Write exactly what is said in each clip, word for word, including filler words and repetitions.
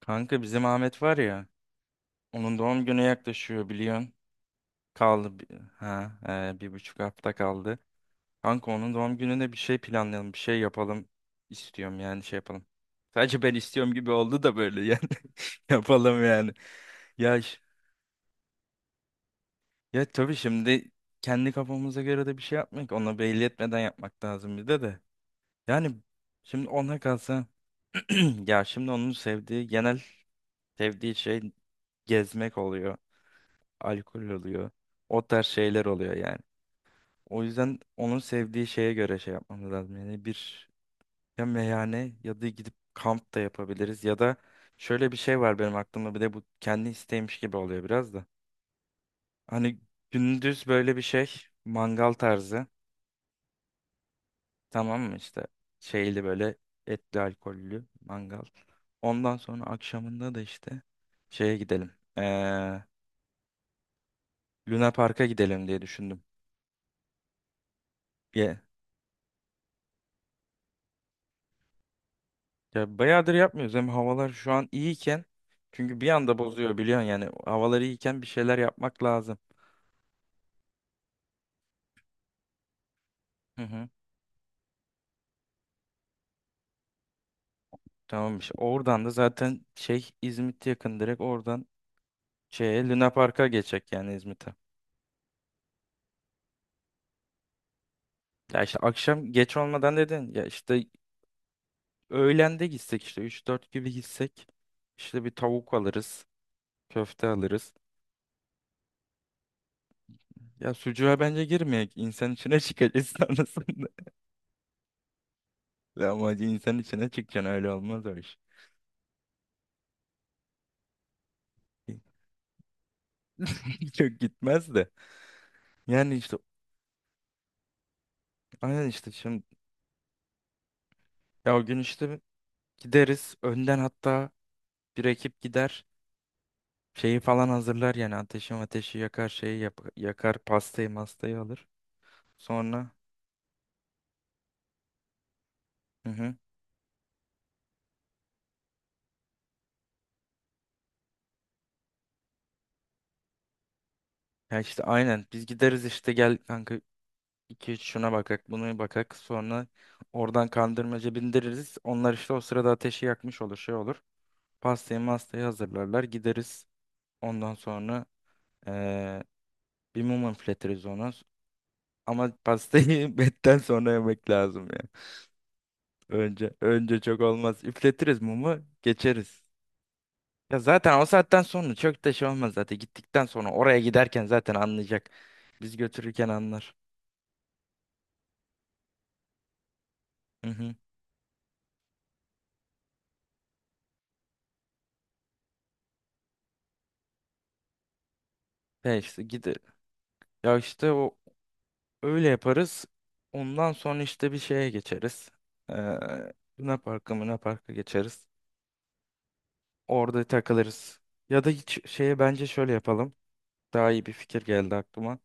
Kanka bizim Ahmet var ya. Onun doğum günü yaklaşıyor biliyorsun. Kaldı bi- ha e, Bir buçuk hafta kaldı. Kanka onun doğum gününe bir şey planlayalım, bir şey yapalım istiyorum yani şey yapalım. Sadece ben istiyorum gibi oldu da böyle yani yapalım yani. Ya ş- ya tabii şimdi kendi kafamıza göre de bir şey yapmak, ona belli etmeden yapmak lazım bir de de. Yani şimdi ona kalsa ya şimdi onun sevdiği genel sevdiği şey gezmek oluyor. Alkol oluyor. O tarz şeyler oluyor yani. O yüzden onun sevdiği şeye göre şey yapmamız lazım. Yani bir ya meyhane ya da gidip kamp da yapabiliriz ya da şöyle bir şey var benim aklımda bir de bu kendi isteğiymiş gibi oluyor biraz da. Hani gündüz böyle bir şey mangal tarzı tamam mı işte şeyli böyle etli alkollü mangal. Ondan sonra akşamında da işte şeye gidelim. Ee, Luna Park'a gidelim diye düşündüm. Ya bayağıdır yapmıyoruz. Hem havalar şu an iyiyken çünkü bir anda bozuyor biliyorsun yani havalar iyiyken bir şeyler yapmak lazım. Hı hı. Tamammış. Oradan da zaten şey İzmit yakın direkt oradan şeye Luna Park'a geçecek yani İzmit'e. Ya işte akşam geç olmadan dedin. Ya işte öğlende gitsek işte üç dört gibi gitsek işte bir tavuk alırız, köfte alırız. Ya sucuğa bence girmeyek. İnsan içine çıkacağız sonrasında. Ama insan içine çıkacaksın öyle olmaz o iş. Çok gitmez de. Yani işte aynen işte şimdi ya o gün işte gideriz önden hatta bir ekip gider şeyi falan hazırlar yani ateşi ateşi yakar şeyi yap- yakar pastayı mastayı alır. Sonra hı hı. Ya işte aynen biz gideriz işte gel kanka iki üç şuna bakak bunu bakak sonra oradan kandırmaca bindiririz. Onlar işte o sırada ateşi yakmış olur şey olur. Pastayı mastayı hazırlarlar gideriz ondan sonra eee, bir mum üfletiriz ona. Ama pastayı betten sonra yemek lazım ya. Önce önce çok olmaz. Üfletiriz mumu, geçeriz. Ya zaten o saatten sonra çok da şey olmaz zaten. Gittikten sonra oraya giderken zaten anlayacak. Biz götürürken anlar. Hı hı. Ya işte gide. Ya işte o öyle yaparız. Ondan sonra işte bir şeye geçeriz. Ee, Luna Park'a, Luna Park'a geçeriz. Orada takılırız. Ya da hiç şeye bence şöyle yapalım. Daha iyi bir fikir geldi aklıma.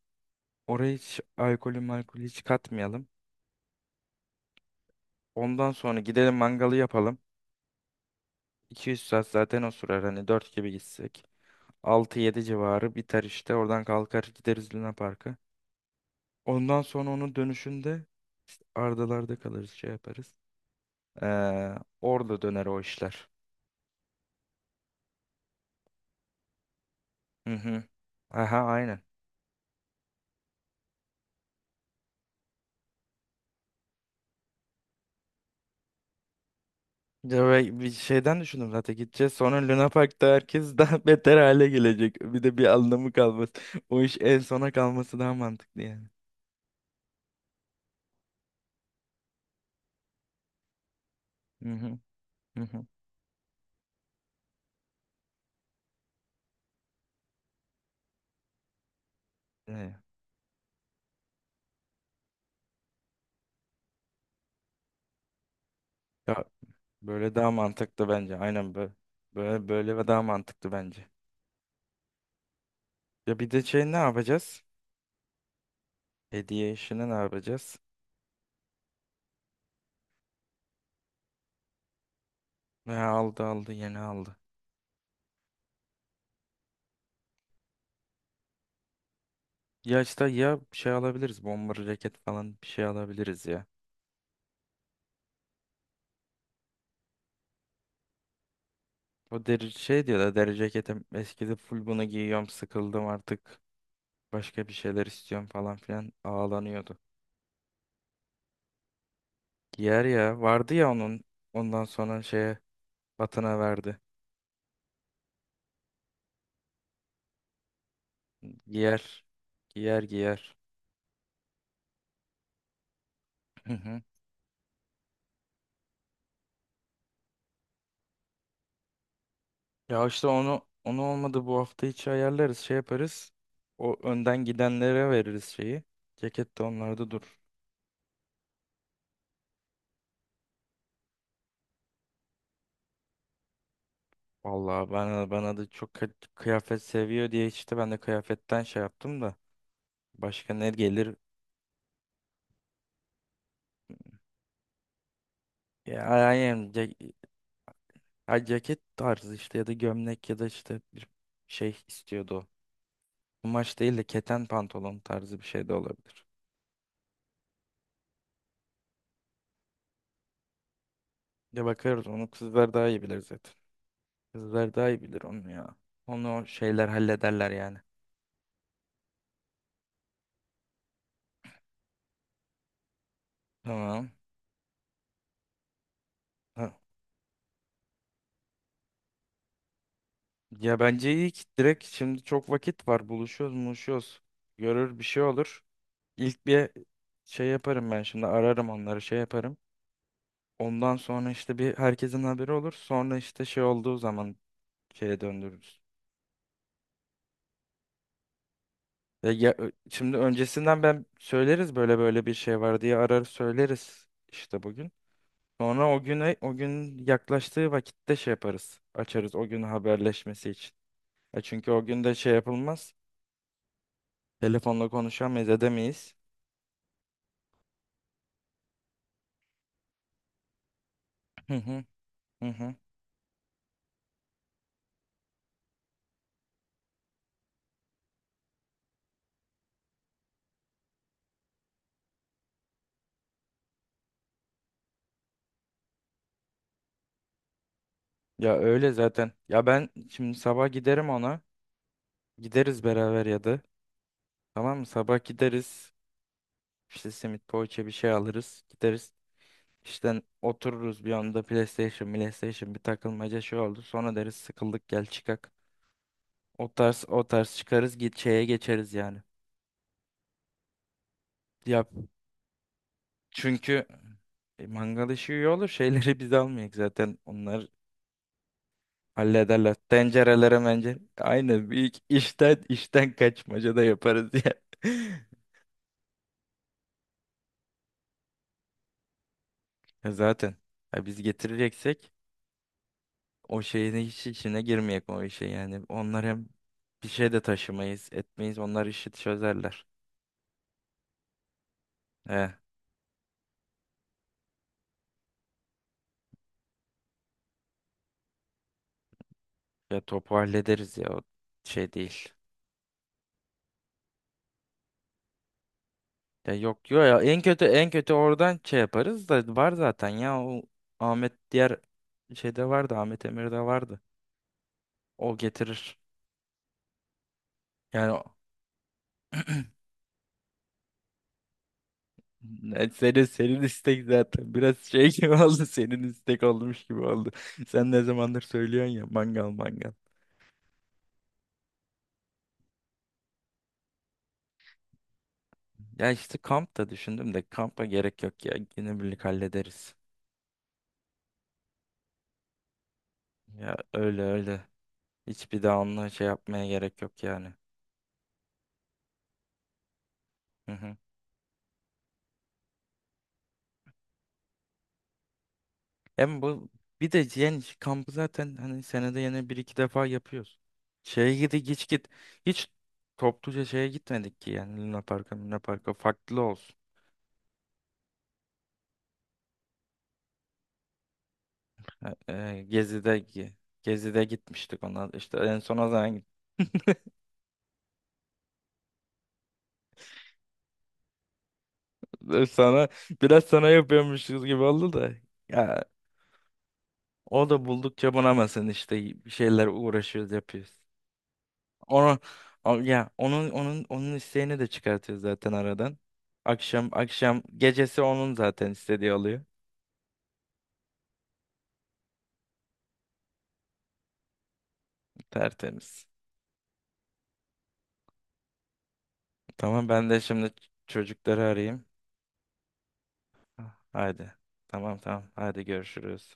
Oraya hiç alkolü malkolü hiç katmayalım. Ondan sonra gidelim mangalı yapalım. iki yüz saat zaten o sürer hani dört gibi gitsek. Altı yedi civarı biter işte. Oradan kalkar gideriz Luna Park'a. Ondan sonra onun dönüşünde Ardalar'da kalırız şey yaparız. Ee, Orada döner o işler. Hı hı. Aha aynen. Ya ve bir şeyden düşündüm zaten gideceğiz. Sonra Luna Park'ta herkes daha beter hale gelecek. Bir de bir anlamı kalmaz. O iş en sona kalması daha mantıklı yani. Hı hı. Hı hı. Ne? Ya böyle daha mantıklı bence. Aynen böyle. Böyle böyle ve daha mantıklı bence. Ya bir de şey ne yapacağız? Hediye işini ne yapacağız? Ya aldı aldı yeni aldı. Ya işte ya bir şey alabiliriz. Bomber ceket falan bir şey alabiliriz ya. O deri şey diyor da deri ceketim eskidi full bunu giyiyorum sıkıldım artık. Başka bir şeyler istiyorum falan filan ağlanıyordu. Giyer ya vardı ya onun ondan sonra şeye Batına verdi. Giyer giyer giyer. Ya işte onu onu olmadı bu hafta içi ayarlarız şey yaparız. O önden gidenlere veririz şeyi. Ceket de onlarda dur. Vallahi bana bana da çok kı- kıyafet seviyor diye işte ben de kıyafetten şey yaptım da. Başka ne gelir? Ya yani ce- ha, Ceket tarzı işte ya da gömlek ya da işte bir şey istiyordu o. Kumaş değil de keten pantolon tarzı bir şey de olabilir. Ya bakarız onu kızlar daha iyi bilir zaten. Kızlar daha iyi bilir onu ya. Onu şeyler hallederler yani. Tamam. Ha. Ya bence iyi ki direkt şimdi çok vakit var. Buluşuyoruz, buluşuyoruz. Görür bir şey olur. İlk bir şey yaparım ben şimdi ararım onları şey yaparım. Ondan sonra işte bir herkesin haberi olur. Sonra işte şey olduğu zaman şeye döndürürüz. Ve ya, ö- şimdi öncesinden ben söyleriz böyle böyle bir şey var diye arar söyleriz işte bugün. Sonra o güne o gün yaklaştığı vakitte şey yaparız. Açarız o gün haberleşmesi için. Ya çünkü o gün de şey yapılmaz. Telefonla konuşamayız, edemeyiz. Hı hı hı hı. Ya öyle zaten. Ya ben şimdi sabah giderim ona. Gideriz beraber ya da. Tamam mı? Sabah gideriz. İşte simit poğaça bir şey alırız. Gideriz. İşte otururuz bir anda PlayStation, PlayStation bir takılmaca şey oldu. Sonra deriz sıkıldık gel çıkak. O tarz o tarz çıkarız git şeye geçeriz yani. Ya çünkü e, mangal işi iyi olur. Şeyleri biz almayak zaten. Onlar hallederler. Tencerelere mencere. Aynen. Büyük işten işten kaçmaca da yaparız ya. Ya zaten. Ya biz getireceksek o şeyin hiç içine girmeyek o işe yani. Onlar hem bir şey de taşımayız, etmeyiz. Onlar işi çözerler. He. Ya topu hallederiz ya. O şey değil. Ya yok yok ya. En kötü en kötü oradan şey yaparız da var zaten ya. O Ahmet diğer şeyde vardı. Ahmet Emir'de vardı. O getirir. Yani Ne- Senin, senin istek zaten biraz şey gibi oldu senin istek olmuş gibi oldu. Sen ne zamandır söylüyorsun ya mangal mangal. Ya işte kamp da düşündüm de kampa gerek yok ya günübirlik hallederiz. Ya öyle öyle hiçbir daha onunla şey yapmaya gerek yok yani. Hı hı. Hem bu bir de yani şu kampı zaten hani senede yine bir iki defa yapıyoruz. Şeye gidi hiç git Hiç topluca şeye gitmedik ki yani Luna Park'a Luna Park'a farklı olsun. E, e, Gezi'de gi- Gezi'de gitmiştik ona. İşte en son o zaman gittik. Sana biraz sana yapıyormuşuz gibi oldu da. Ya o da buldukça bunamasın işte bir şeyler uğraşıyoruz yapıyoruz. Onu o- ya onun onun onun isteğini de çıkartıyoruz zaten aradan. Akşam akşam gecesi onun zaten istediği oluyor. Tertemiz. Tamam ben de şimdi çocukları arayayım. Ah, haydi. Tamam tamam. Haydi görüşürüz.